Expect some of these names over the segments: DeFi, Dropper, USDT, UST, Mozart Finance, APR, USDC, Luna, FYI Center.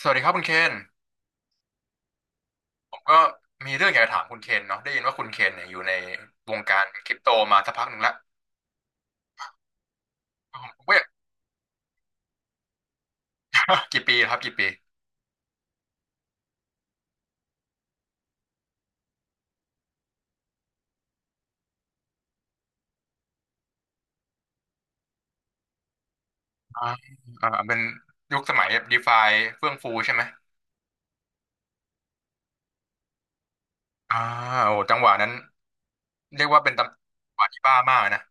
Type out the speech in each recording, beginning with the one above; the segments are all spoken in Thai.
สวัสดีครับคุณเคนผมก็มีเรื่องอยากจะถามคุณเคนเนาะได้ยินว่าคุณเคนเนี่ยอยู่ในวงการคริปโตมาสักพักหนึ่งแล้วผมก็อยาก กี่ปีครับกี่ปีอ่าเป็นยุคสมัยดีฟาเฟื่องฟูใช่ไหมอ่าโอ้จังหวะนั้นเรียกว่าเป็นจังหวะที่บ้ามากนะ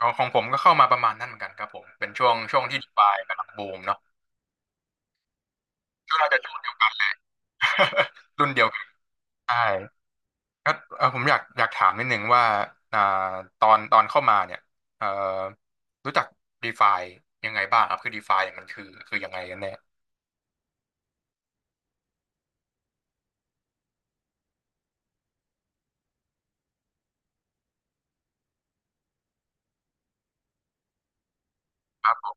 ของผมก็เข้ามาประมาณนั้นเหมือนกันครับผมเป็นช่วงที่ดีฟากำลังบูมเนาะช่วงน่าจะช่วงเดียวกัน รุ่นเดียวกันใช่ ก็เออผมอยากถามนิดนึงว่าอ่าตอนเข้ามาเนี่ยเอ่อรู้จัก DeFi ยังไงบ้างครับคือ DeFi เนี่ยมันคือยังไงกันแน่ครับ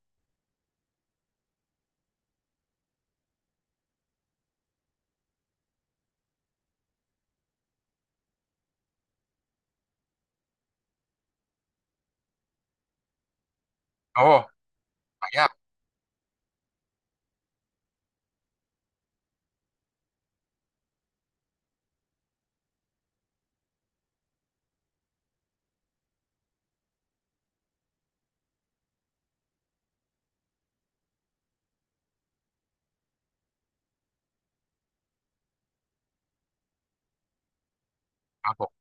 โอ้หายากครับผม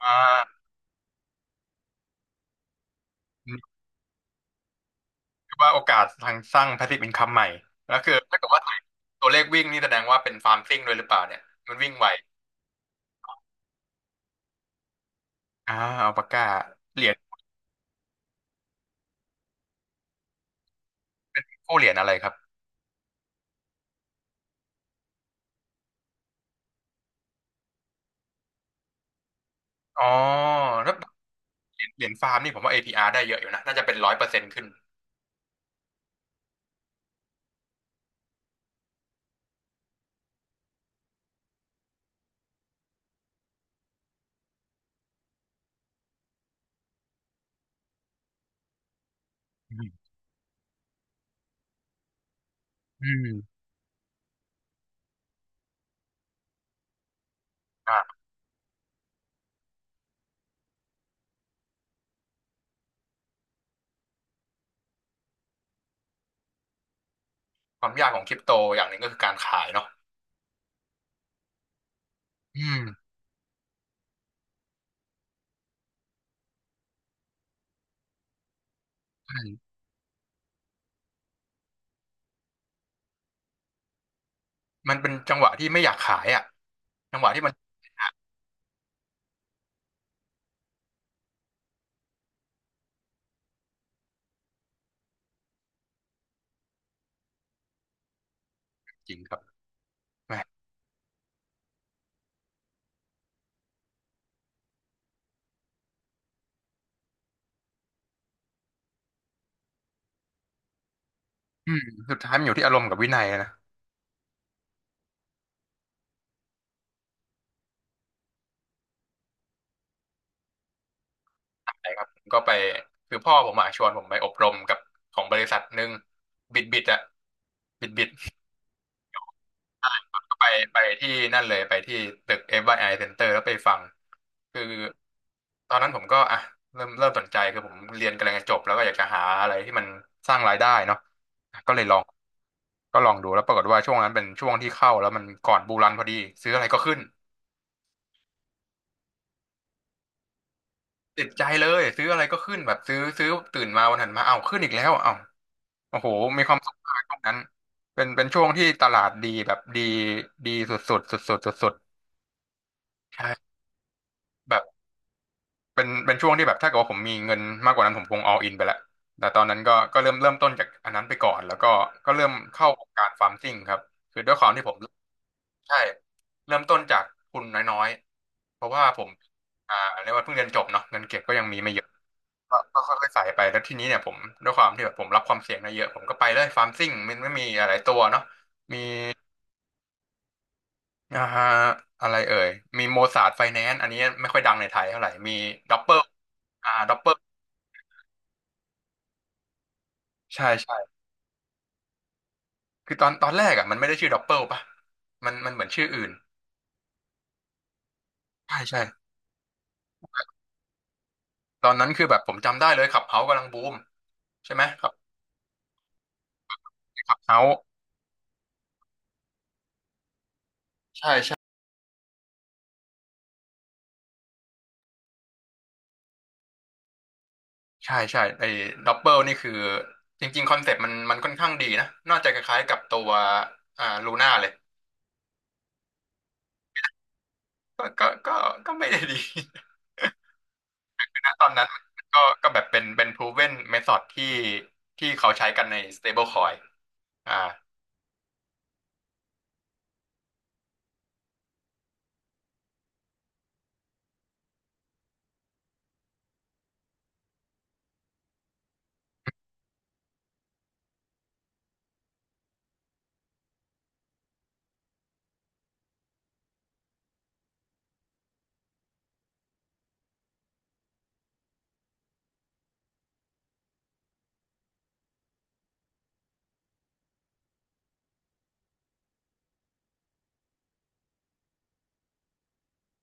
อ่าคือว่าโอกาสทางสร้าง passive income ใหม่แล้วคือถ้าเกิดว่าตัวเลขวิ่งนี่แสดงว่าเป็นฟาร์มซิ่งด้วยหรือเปล่าเนี่ยมันวิ่งไวอ่าอัลปาก้าเหรียญกู้เหรียญอะไรครับอ๋อแล้วเหรียญฟาร์มนี่ผมว่า APR ได้เยอะอยู่นะน่าจะเป็นร้อยเปอร์เซ็นต์ขึ้นอืมอืม ความยากของคริปโตอย่างหนึ่งก็คือการขายเนาะอืมใช่มันเป็นจังหวะที่ไม่อยากขายอ่ะจังหวะที่มันจริงครับแหมอืมสุดท้ายมันอยู่ที่อารมณ์กับวินัยนะใช่ครับผมก็ไปคือพ่อผมอะชวนผมไปอบรมกับของบริษัทหนึ่งบิดบิดอะบิดบิดก็ไปที่นั่นเลยไปที่ตึก FYI Center แล้วไปฟังคือตอนนั้นผมก็อ่ะเริ่มสนใจคือผมเรียนกำลังจะจบแล้วก็อยากจะหาอะไรที่มันสร้างรายได้เนาะก็เลยลอง ก็ลองดูแล้วปรากฏว่าช่วงนั้นเป็นช่วงที่เข้าแล้วมันก่อนบูรันพอดีซื้ออะไรก็ขึ้นติดใจเลยซื้ออะไรก็ขึ้นแบบซื้อซื้อตื่นมาวันถัดมาเอ้าขึ้นอีกแล้วเอ้าโอ้โหมีความสุขมากช่วงนั้นเป็นช่วงที่ตลาดดีแบบดีดีสุดสุดสุดสุดสุดสุดๆใช่แบบเป็นช่วงที่แบบถ้าเกิดว่าผมมีเงินมากกว่านั้นผมคง all in ไปแล้วแต่ตอนนั้นก็เริ่มต้นจากอันนั้นไปก่อนแล้วก็ก็เริ่มเข้าวงการฟาร์มซิ่งครับคือด้วยความที่ผม ใช่เริ่มต้นจากทุนน้อยๆเพราะว่าผมอ่าเรียกว่าเพิ่งเรียนจบเนาะเงินเก็บก็ยังมีไม่เยอะก็ค่อยๆใส่ไปแล้วทีนี้เนี่ยผมด้วยความที่แบบผมรับความเสี่ยงได้เยอะผมก็ไปเลยฟาร์มซิ่งมันไม่มีอะไรตัวเนาะมีอ่าอะไรเอ่ยมีโมซาร์ทไฟแนนซ์อันนี้ไม่ค่อยดังในไทยเท่าไหร่มีด็อปเปอร์ด็อปเปอร์ใช่ใช่คือตอนตอนแรกอ่ะมันไม่ได้ชื่อด็อปเปอร์ป่ะมันเหมือนชื่ออื่นใช่ใช่ตอนนั้นคือแบบผมจำได้เลยขับเฮากำลังบูมใช่ไหมขับขับเฮาใช่ ใช่ใช่ไอ้ดับเบิลนี่คือจริงๆคอนเซ็ปต์มันค่อนข้างดีนะน่าจะคล้ายๆกับตัวลูน่าเลยก็ก็ก็ก็ไม่ได้ดี ตอนนั้นมันก็แบบเป็นproven method ที่เขาใช้กันใน stablecoin อ่า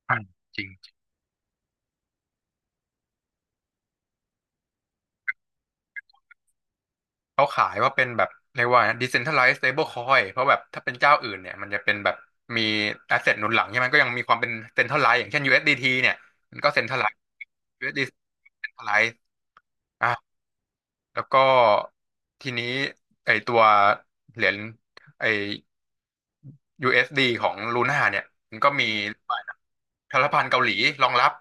ใช่จริงเขาขายว่าเป็นแบบเรียกว่าไง decentralized stablecoin เพราะแบบถ้าเป็นเจ้าอื่นเนี่ยมันจะเป็นแบบมี asset หนุนหลังใช่ไหมก็ยังมีความเป็น centralized อย่างเช่น USDT เอสดีทีเนี่ยมันก็ centralized USDC centralized อ่า แล้วก็ทีนี้ไอตัวเหรียญไอ USD ของลูน่าเนี่ยมันก็มีรัฐบาลเกาหลีรองรับ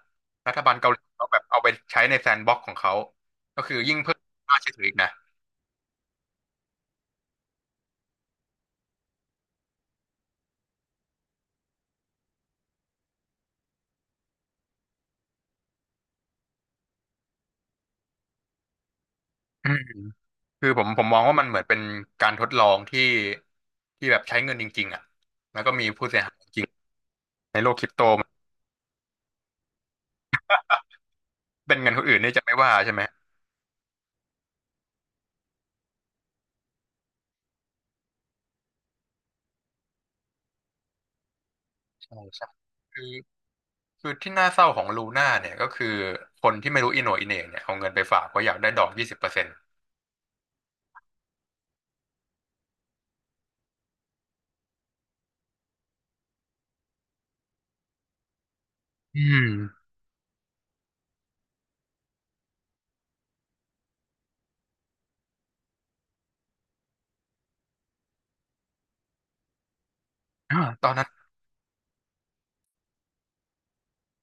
รัฐบาลเกาหลีเขาแบบเอาไปใช้ในแซนด์บ็อกซ์ของเขาก็คือยิ่งเพิ่มค่าเชื่อถืออีกนะอืมคือผมมองว่ามันเหมือนเป็นการทดลองที่แบบใช้เงินจริงๆอ่ะแล้วก็มีผู้เสียหายจริงในโลกคริปโตมันเป็นเงินคนอื่นนี่จะไม่ว่าใช่ไหมใช่ใช่ คือที่น่าเศร้าของลูน่าเนี่ยก็คือคนที่ไม่รู้อีโหน่อีเหน่เนี่ยเอาเงินไปฝากเพราะอยากได้ดอก20%อืมอ่าตอนนั้น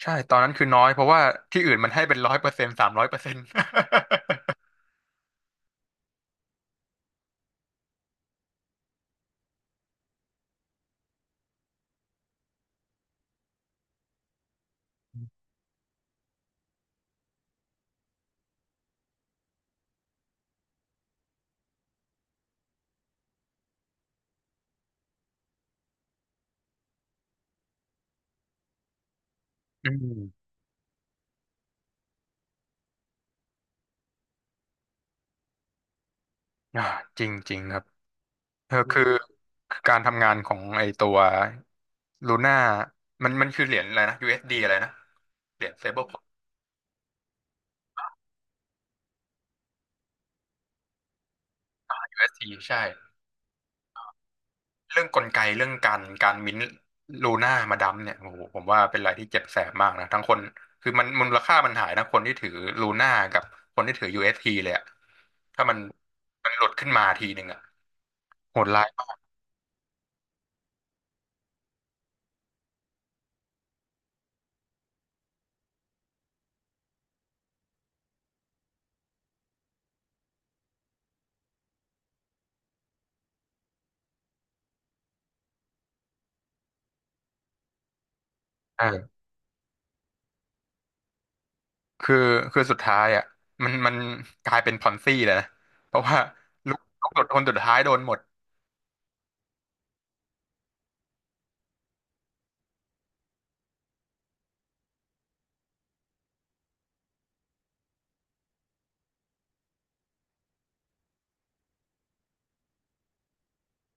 ใช่ตอนนั้นคือน้อยเพราะว่าที่อื่นมันให้เป็นร้อยเปอร์เซ็นต์300% อืม อ่าจริงจริงครับเออคือการทำงานของไอตัวลูน่ามันคือเหรียญอะไรนะ USD อสดีอะไรนะเหรียญเซเบิลคอย USD ใช่ เรื่องกลไกเรื่องการการมิ้นท์ลูน่ามาดัมเนี่ยโอ้โหผมว่าเป็นอะไรที่เจ็บแสบมากนะทั้งคนคือมันมูลค่ามันหายทั้งคนที่ถือลูน่ากับคนที่ถือ UST เอสทีเลยอะถ้ามันหลุดขึ้นมาทีหนึ่งอะโหดร้ายมากคือคือสุดท้ายอะมันกลายเป็นพอนซี่เลยนะเพราะว่าลูกลูกหลุดคนสุดท้ายโดนหมด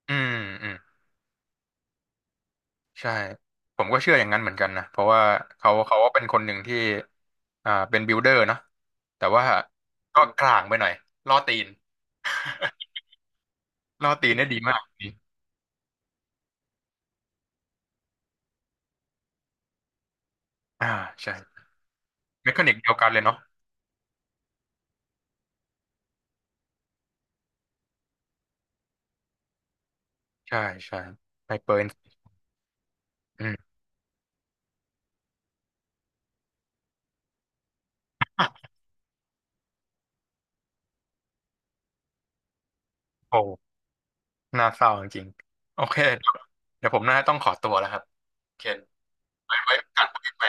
อืมอืม ใช่ผมก็เชื่ออย่างนั้นเหมือนกันนะเพราะว่าเขาก็เป็นคนหนึ่งที่เป็นบิ i เดอร์เนาะแต่ว่าก็กลางไปหน่อยล่อตีนล่อตีนได้ดีมากนี่อ่าใช่เมคานิกเดียวกันเลยเนาะใช่ใช่ไฮเปอร์อืมโอ้น่าเศร้าจริงๆโอเคเดี๋ยวผมน่าจะต้องขอตัวแล้วครับเคนไว้ไว้โอกันคุยกันใหม่